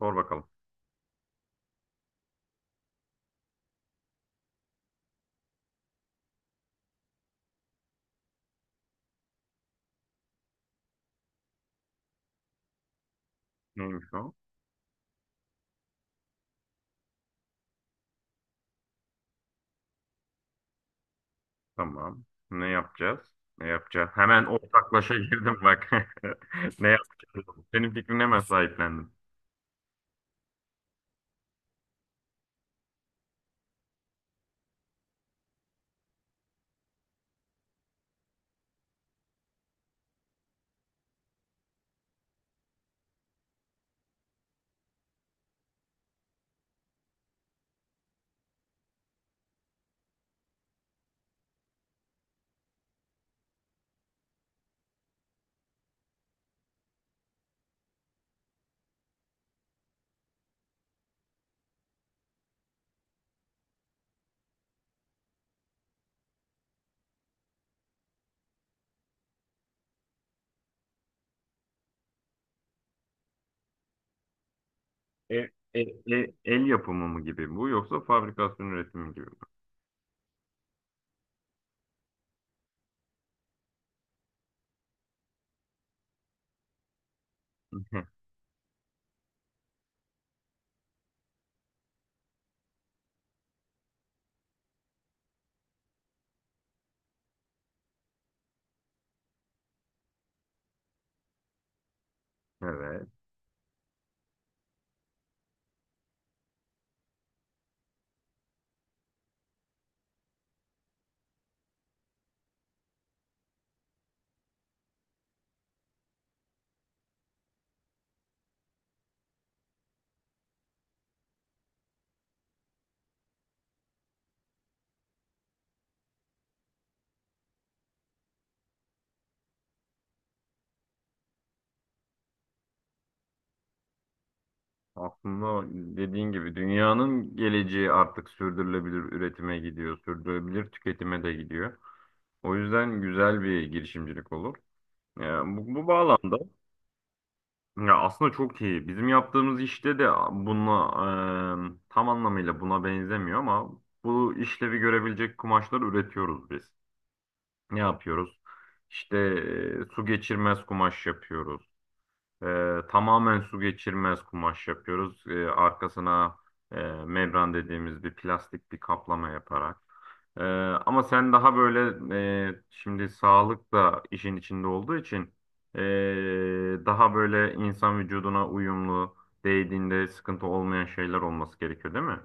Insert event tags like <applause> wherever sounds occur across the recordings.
Sor bakalım. Neymiş o? Tamam. Ne yapacağız? Ne yapacağız? Hemen ortaklaşa girdim bak. <laughs> Ne yapacağız? Senin fikrine hemen sahiplendim. E- e- El yapımı mı gibi bu, yoksa fabrikasyon üretimi gibi mi? <laughs> Evet. Aslında dediğin gibi dünyanın geleceği artık sürdürülebilir üretime gidiyor, sürdürülebilir tüketime de gidiyor. O yüzden güzel bir girişimcilik olur. Yani bu bağlamda ya aslında çok iyi. Bizim yaptığımız işte de buna tam anlamıyla buna benzemiyor ama bu işlevi görebilecek kumaşlar üretiyoruz biz. Ne yapıyoruz? İşte su geçirmez kumaş yapıyoruz. Tamamen su geçirmez kumaş yapıyoruz. Arkasına e, membran dediğimiz bir plastik bir kaplama yaparak. Ee, Ama sen daha böyle şimdi sağlık da işin içinde olduğu için daha böyle insan vücuduna uyumlu, değdiğinde sıkıntı olmayan şeyler olması gerekiyor, değil mi?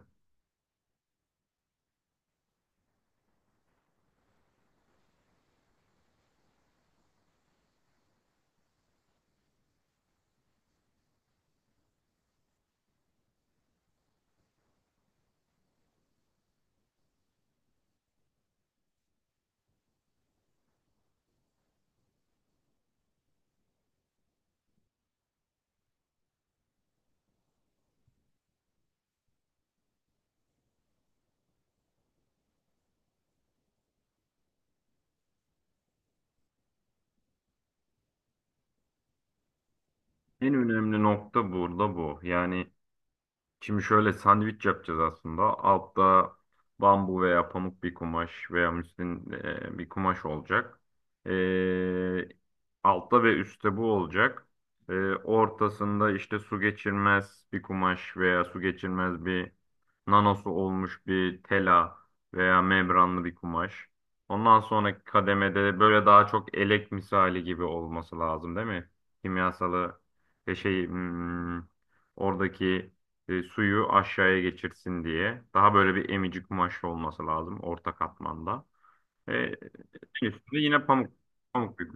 En önemli nokta burada bu. Yani şimdi şöyle sandviç yapacağız aslında. Altta bambu veya pamuk bir kumaş veya müslin bir kumaş olacak. E, Altta ve üstte bu olacak. Ortasında işte su geçirmez bir kumaş veya su geçirmez bir nanosu olmuş bir tela veya membranlı bir kumaş. Ondan sonraki kademede böyle daha çok elek misali gibi olması lazım, değil mi? Kimyasalı e, şey hmm, oradaki suyu aşağıya geçirsin diye. Daha böyle bir emici kumaş olması lazım orta katmanda. E, Üstünde yine pamuk bir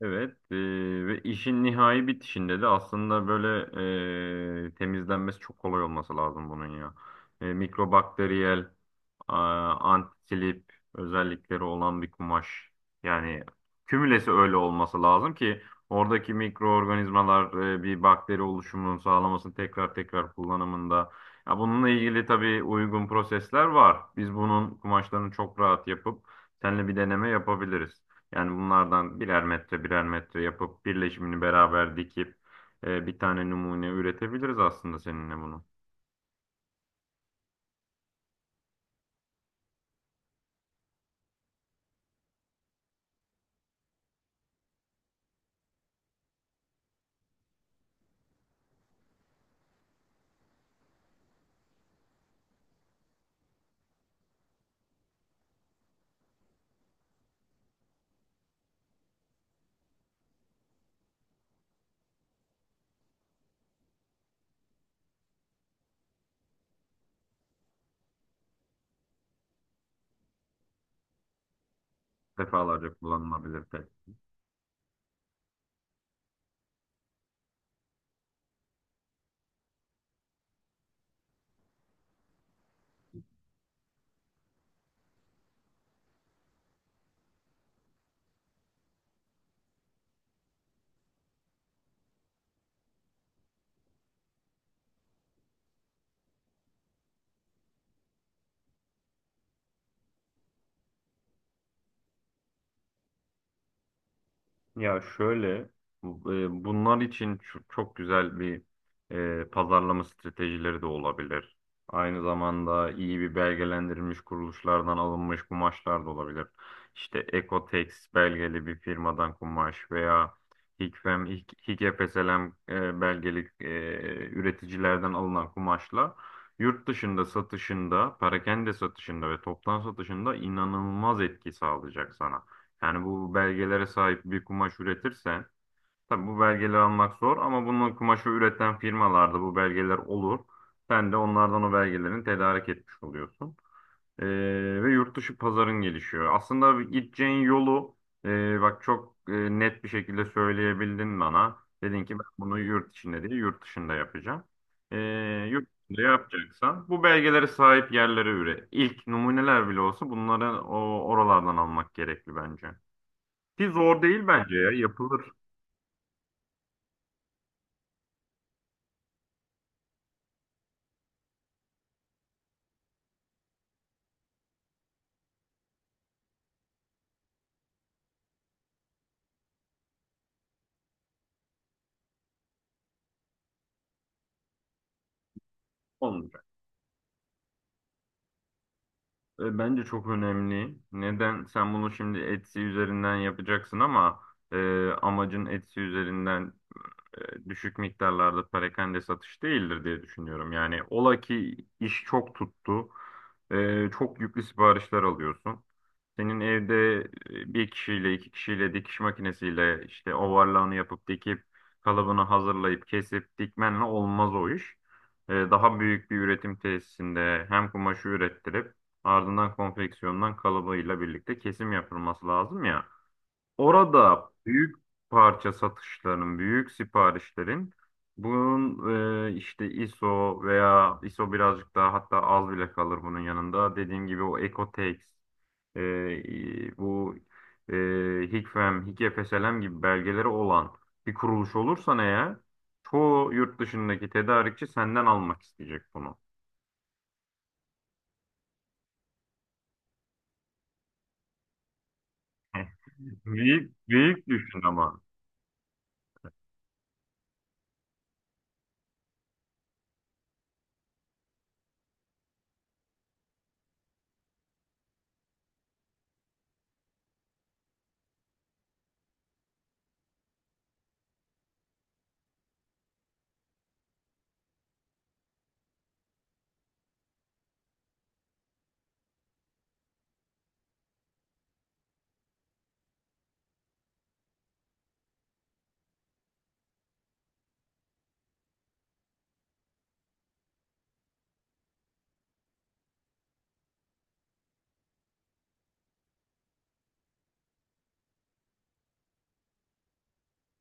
evet ve işin nihai bitişinde de aslında böyle temizlenmesi çok kolay olması lazım bunun ya. Mikrobakteriyel, a, antislip özellikleri olan bir kumaş. Yani kümülesi öyle olması lazım ki oradaki mikroorganizmalar bir bakteri oluşumunu sağlamasını tekrar tekrar kullanımında. Ya bununla ilgili tabii uygun prosesler var. Biz bunun kumaşlarını çok rahat yapıp seninle bir deneme yapabiliriz. Yani bunlardan birer metre birer metre yapıp birleşimini beraber dikip bir tane numune üretebiliriz aslında seninle bunu. Defalarca kullanılabilir. Ya şöyle, bunlar için çok güzel bir pazarlama stratejileri de olabilir. Aynı zamanda iyi bir belgelendirilmiş kuruluşlardan alınmış kumaşlar da olabilir. İşte Ecotex belgeli bir firmadan kumaş veya Hikfslm belgeli üreticilerden alınan kumaşla yurt dışında satışında, perakende satışında ve toptan satışında inanılmaz etki sağlayacak sana. Yani bu belgelere sahip bir kumaş üretirse, tabii bu belgeleri almak zor, ama bunun kumaşı üreten firmalarda bu belgeler olur. Sen de onlardan o belgelerin tedarik etmiş oluyorsun. Ee, Ve yurt dışı pazarın gelişiyor. Aslında gideceğin yolu bak çok net bir şekilde söyleyebildin bana. Dedin ki ben bunu yurt içinde değil yurt dışında yapacağım. Ee, Yurt dışında yapacaksan bu belgelere sahip yerlere üre. İlk numuneler bile olsa bunları oralardan almak gerekli bence. Ki zor değil bence ya. Yapılır, olmayacak. Bence çok önemli. Neden? Sen bunu şimdi Etsy üzerinden yapacaksın, ama amacın Etsy üzerinden düşük miktarlarda perakende satış değildir diye düşünüyorum. Yani ola ki iş çok tuttu, çok yüklü siparişler alıyorsun. Senin evde bir kişiyle, iki kişiyle dikiş makinesiyle işte overlock'ını yapıp dikip kalıbını hazırlayıp kesip dikmenle olmaz o iş. Daha büyük bir üretim tesisinde hem kumaşı ürettirip ardından konfeksiyondan kalıbıyla birlikte kesim yapılması lazım ya. Orada büyük parça satışların, büyük siparişlerin bunun işte ISO veya ISO birazcık daha hatta az bile kalır bunun yanında. Dediğim gibi o Ecotex, e, e, bu e, Hikfem, Hikfslm gibi belgeleri olan bir kuruluş olursan eğer çoğu yurt dışındaki tedarikçi senden almak isteyecek bunu. <laughs> Büyük, büyük düşün ama.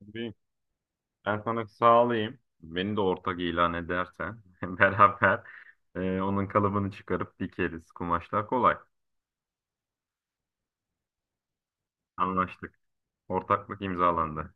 Büyük. Ben sana sağlayayım. Beni de ortak ilan edersen <laughs> beraber onun kalıbını çıkarıp dikeriz. Kumaşlar kolay. Anlaştık. Ortaklık imzalandı.